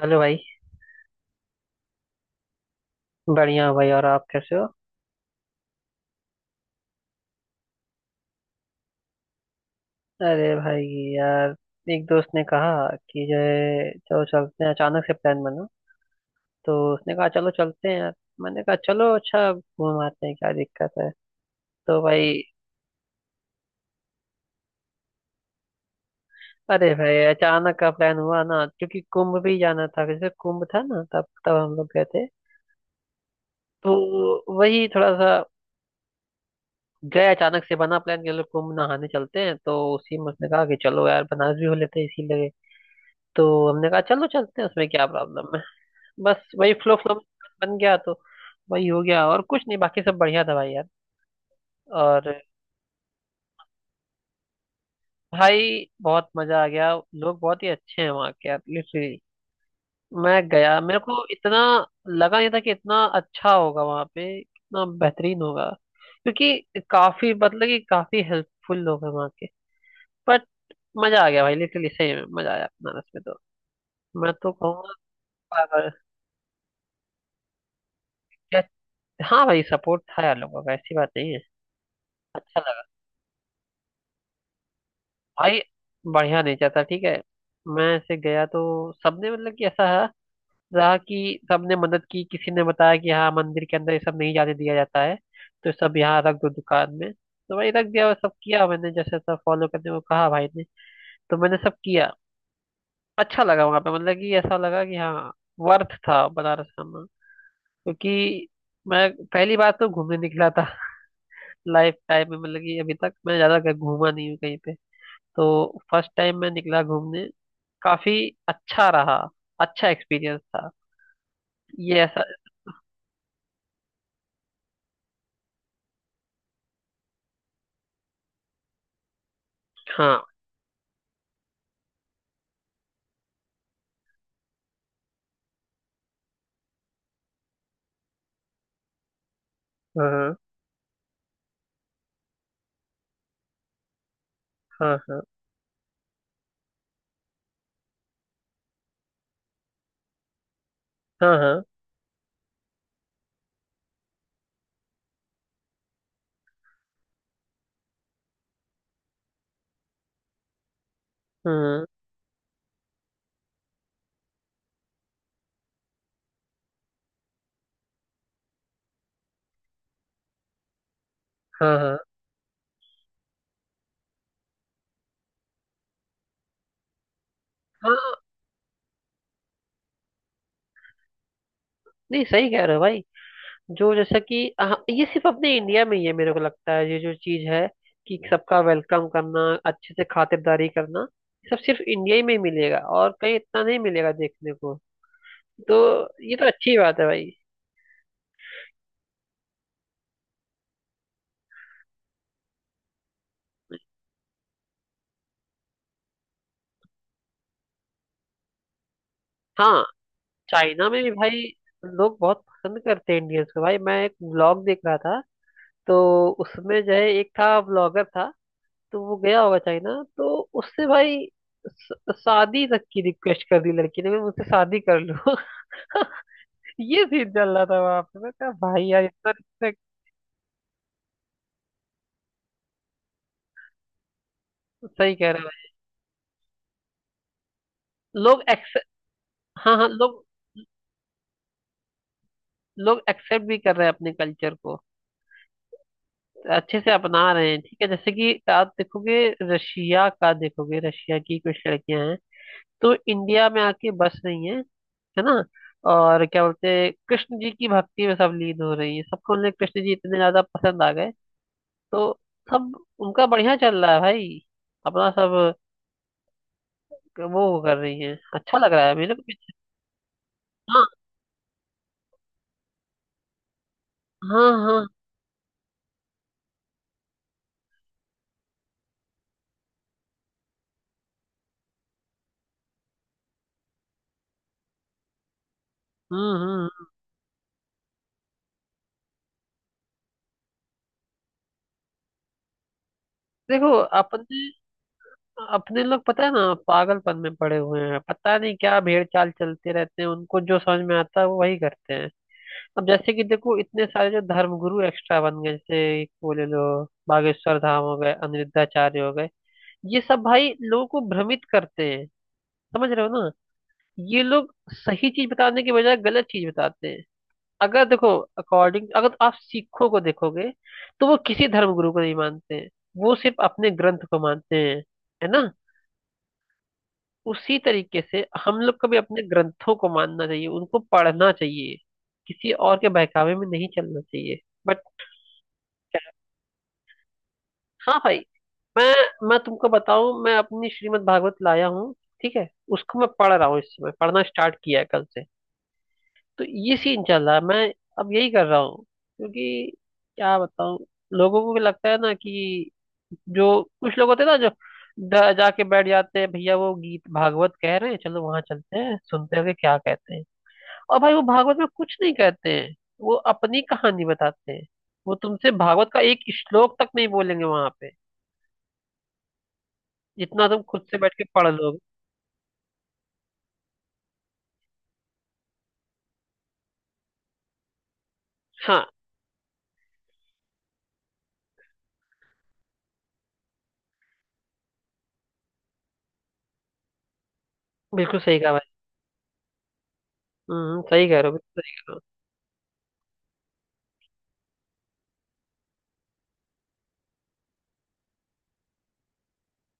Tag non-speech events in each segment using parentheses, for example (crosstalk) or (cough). Hello भाई। बढ़िया हूँ भाई, और आप कैसे हो? अरे भाई, यार, एक दोस्त ने कहा कि जो है, चलो चलते हैं। अचानक से प्लान बना, तो उसने कहा चलो चलते हैं यार। मैंने कहा चलो अच्छा घूम आते हैं, क्या दिक्कत है। तो भाई, अरे भाई, अचानक का प्लान हुआ ना, क्योंकि कुंभ भी जाना था। जैसे कुंभ था ना, तब तब हम लोग गए थे। तो वही थोड़ा सा गए, अचानक से बना प्लान कि चलो कुंभ नहाने चलते हैं, तो उसी में उसने कहा कि चलो यार, बनारस भी हो लेते हैं, इसीलिए। तो हमने कहा चलो चलते हैं, उसमें क्या प्रॉब्लम है। बस वही फ्लो फ्लो बन गया, तो वही हो गया और कुछ नहीं, बाकी सब बढ़िया था भाई यार। और भाई, बहुत मजा आ गया। लोग बहुत ही अच्छे हैं वहाँ के, यार, लिटरली। मैं गया, मेरे को इतना लगा नहीं था कि इतना अच्छा होगा वहाँ पे, इतना बेहतरीन होगा। क्योंकि काफी, मतलब कि काफी हेल्पफुल लोग हैं वहाँ के। बट मजा आ गया भाई, लिटरली सही में मजा आया बनारस में। तो मैं तो कहूँगा पागल क्या- हाँ भाई, सपोर्ट था यार लोगों का, ऐसी बात नहीं है। अच्छा लगा भाई, बढ़िया नेचा था, ठीक है। मैं ऐसे गया तो सबने, मतलब कि ऐसा है, रहा कि सबने मदद की। किसी ने बताया कि हाँ, मंदिर के अंदर ये सब नहीं जाने दिया जाता है, तो सब यहाँ रख दो दुकान में। तो भाई रख दिया और सब किया मैंने। जैसे सब फॉलो करने को कहा भाई ने, तो मैंने सब किया। अच्छा लगा वहां पे, मतलब कि ऐसा लगा कि हाँ, वर्थ था बनारस आना। क्योंकि मैं पहली बार तो घूमने निकला था (laughs) लाइफ टाइम में, मतलब कि अभी तक मैं ज्यादा कहीं घूमा नहीं हूँ कहीं पे। तो फर्स्ट टाइम मैं निकला घूमने। काफी अच्छा रहा, अच्छा एक्सपीरियंस था, ये ऐसा। हाँ। हाँ। हाँ। हाँ। हाँ। हाँ। हाँ। हाँ। हाँ। हाँ। हाँ। नहीं, सही कह रहे हो भाई। जो जैसा कि, हाँ, ये सिर्फ अपने इंडिया में ही है, मेरे को लगता है ये जो चीज है कि सबका वेलकम करना, अच्छे से खातिरदारी करना, सब सिर्फ इंडिया ही में ही मिलेगा, और कहीं इतना नहीं मिलेगा देखने को। तो ये तो अच्छी बात है भाई। हाँ, चाइना में भी भाई लोग बहुत पसंद करते हैं इंडियंस को। भाई, मैं एक व्लॉग देख रहा था। तो उसमें जो है, एक था, व्लॉगर था, तो वो गया होगा चाइना। तो उससे भाई शादी तक की रिक्वेस्ट कर दी लड़की ने, "भाई, मुझसे शादी कर लो।" (laughs) ये सीन चल रहा था वहां पे। मैं कहा भाई यार, इतना रिस्पेक्ट। सही कह रहा है। लोग एक्सेप्ट, हाँ हाँ, लोग लोग एक्सेप्ट भी कर रहे हैं अपने कल्चर को, अच्छे से अपना रहे हैं, ठीक है। जैसे कि आप देखोगे, रशिया का देखोगे, रशिया की कुछ लड़कियां हैं, तो इंडिया में आके बस रही है ना? और क्या बोलते हैं, कृष्ण जी की भक्ति में सब लीन हो रही है, सबको, उन्हें कृष्ण जी इतने ज्यादा पसंद आ गए। तो सब, उनका बढ़िया चल रहा है भाई, अपना सब वो कर रही है, अच्छा लग रहा है मेरे को भी। हाँ। हाँ। हाँ। हम्म। देखो, अपने, अपने लोग पता है ना, पागलपन में पड़े हुए हैं, पता नहीं क्या भेड़ चाल चलते रहते हैं। उनको जो समझ में आता है वो वही करते हैं। अब जैसे कि देखो, इतने सारे जो धर्मगुरु एक्स्ट्रा बन गए, जैसे एक वो ले लो, बागेश्वर धाम हो गए, अनिरुद्धाचार्य हो गए, ये सब भाई लोगों को भ्रमित करते हैं, समझ रहे हो ना। ये लोग सही चीज बताने के बजाय गलत चीज बताते हैं। अगर देखो, अकॉर्डिंग, अगर आप सिखों को देखोगे, तो वो किसी धर्मगुरु को नहीं मानते हैं, वो सिर्फ अपने ग्रंथ को मानते हैं, है ना? उसी तरीके से हम लोग को भी अपने ग्रंथों को मानना चाहिए, उनको पढ़ना चाहिए, किसी और के बहकावे में नहीं चलना चाहिए। बट हाँ भाई, मैं मैं तुमको बताऊं, मैं अपनी श्रीमद् भागवत लाया हूँ, ठीक है। उसको मैं पढ़ रहा हूँ, इस समय पढ़ना स्टार्ट किया है कल से। तो ये सीन चल रहा है, मैं अब यही कर रहा हूँ। क्योंकि क्या बताऊं, लोगों को भी लगता है ना कि जो कुछ लोग होते हैं ना, जो जाके बैठ जाते हैं, भैया वो गीत भागवत कह रहे हैं, चलो वहां चलते हैं सुनते हैं कि क्या कहते हैं। और भाई, वो भागवत में कुछ नहीं कहते हैं, वो अपनी कहानी बताते हैं। वो तुमसे भागवत का एक श्लोक तक नहीं बोलेंगे वहां पे, जितना तुम खुद से बैठ के पढ़ लोगे। हाँ, बिल्कुल सही कहा भाई। सही कह रहे हो, बिल्कुल सही कह रहे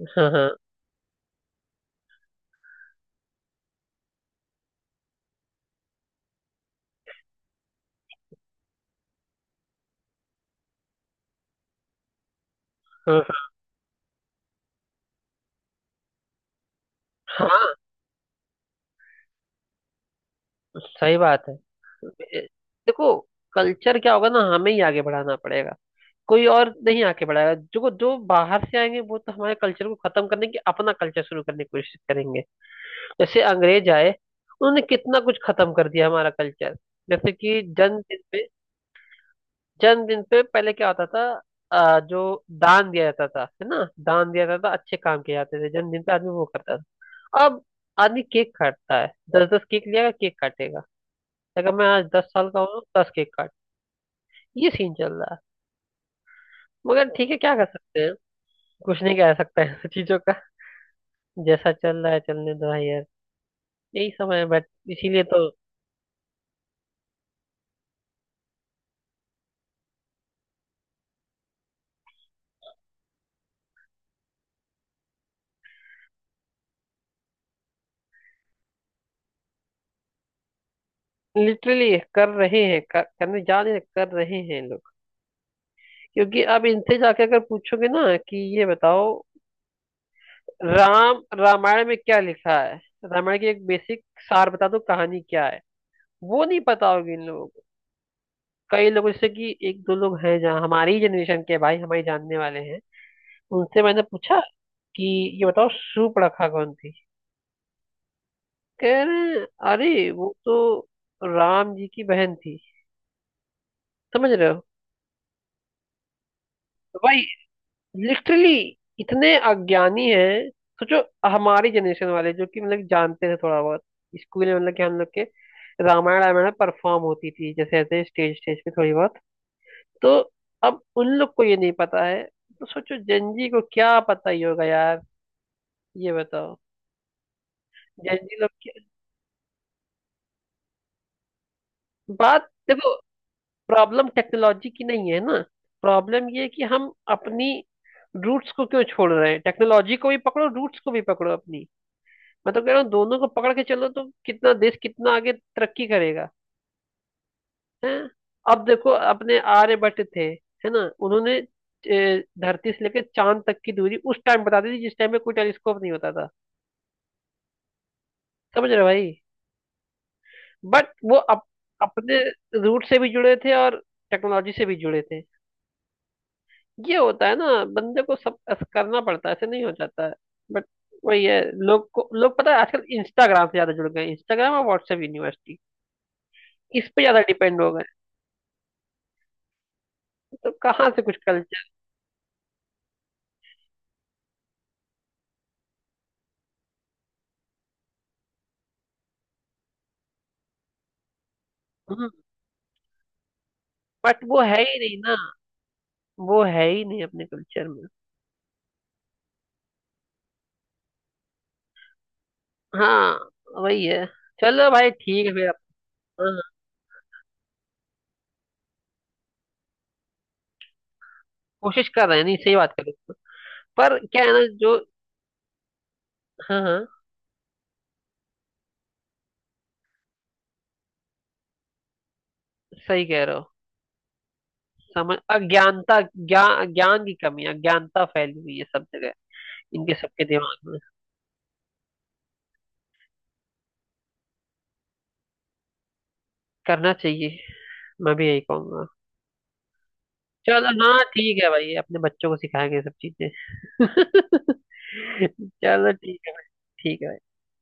हो। हाँ। हाँ। हाँ। हाँ। हाँ। हाँ। सही बात है। ए- देखो, कल्चर क्या होगा ना, हमें ही आगे बढ़ाना पड़ेगा। कोई और नहीं आके बढ़ाएगा, जो जो बाहर से आएंगे वो तो हमारे कल्चर को खत्म करने की, अपना कल्चर शुरू करने की कोशिश करेंगे। जैसे अंग्रेज आए, उन्होंने कितना कुछ खत्म कर दिया हमारा कल्चर। जैसे कि जन्म दिन पे, जन्मदिन पे पहले क्या होता था, जो दान दिया जाता था, है ना, दान दिया जाता था, अच्छे काम किए जाते थे जन्मदिन पे। आदमी वो करता था। अब आदमी केक काटता है, दस दस केक लिया, केक काटेगा। अगर मैं आज 10 साल का हूँ, 10 केक काट, ये सीन चल रहा है। मगर ठीक है, क्या कर सकते हैं, कुछ नहीं कह सकते हैं (laughs) चीजों का। जैसा चल रहा है चलने दो भाई यार, यही समय है। बट इसीलिए तो लिटरली कर रहे हैं, करने जा रहे हैं, कर रहे हैं लोग। क्योंकि अब इनसे जाके अगर पूछोगे ना कि ये बताओ, राम, रामायण में क्या लिखा है, रामायण की एक बेसिक सार बता दो, कहानी क्या है, वो नहीं पता होगी इन लोगों को। कई लोग जैसे कि एक दो लोग हैं, जहाँ हमारी ही जनरेशन के भाई हमारे जानने वाले हैं, उनसे मैंने पूछा कि ये बताओ शूर्पणखा कौन थी। कह रहे हैं, अरे वो तो राम जी की बहन थी, समझ रहे हो। तो भाई, लिटरली इतने अज्ञानी हैं, सोचो। हमारी जनरेशन वाले जो कि मतलब जानते थे थोड़ा बहुत, स्कूल में, मतलब कि हम लोग के रामायण रामायण परफॉर्म होती थी जैसे, ऐसे स्टेज स्टेज पे थोड़ी बहुत। तो अब उन लोग को ये नहीं पता है, तो सोचो जनजी को क्या पता ही होगा यार। ये बताओ जनजी लोग बात देखो, प्रॉब्लम टेक्नोलॉजी की नहीं है ना। प्रॉब्लम ये है कि हम अपनी रूट्स को क्यों छोड़ रहे हैं, टेक्नोलॉजी को भी पकड़ो, रूट्स को भी पकड़ो अपनी। मैं तो कह रहा हूँ दोनों को पकड़ के चलो, तो कितना देश कितना आगे तरक्की करेगा है। अब देखो, अपने आर्यभट्ट थे, है ना, उन्होंने धरती से लेकर चांद तक की दूरी उस टाइम बता दी थी, जिस टाइम में कोई टेलीस्कोप नहीं होता था, समझ रहे हो भाई। बट वो अपने रूट से भी जुड़े थे और टेक्नोलॉजी से भी जुड़े थे। ये होता है ना, बंदे को सब ऐसा करना पड़ता है, ऐसे नहीं हो जाता है। बट वही है, लोग को, लोग पता है, आजकल इंस्टाग्राम से ज्यादा जुड़ गए, इंस्टाग्राम और व्हाट्सएप यूनिवर्सिटी, इस पे ज्यादा डिपेंड हो गए। तो कहाँ से कुछ कल्चर। हम्म। बट वो है ही नहीं ना, वो है ही नहीं अपने कल्चर में। हाँ, वही है, चलो भाई ठीक है फिर। हाँ हाँ, कोशिश कर रहे हैं नहीं, सही बात कर रहे हो। पर क्या है ना, जो, हाँ हाँ, सही कह रहे हो, समझ, अज्ञानता, ज्ञान ज्ञान की कमी, अज्ञानता फैली हुई है सब जगह, इनके सबके दिमाग में। करना चाहिए, मैं भी यही कहूंगा। चलो हाँ, ठीक है भाई, अपने बच्चों को सिखाएंगे ये सब चीजें (laughs) चलो ठीक है भाई। ठीक है भाई।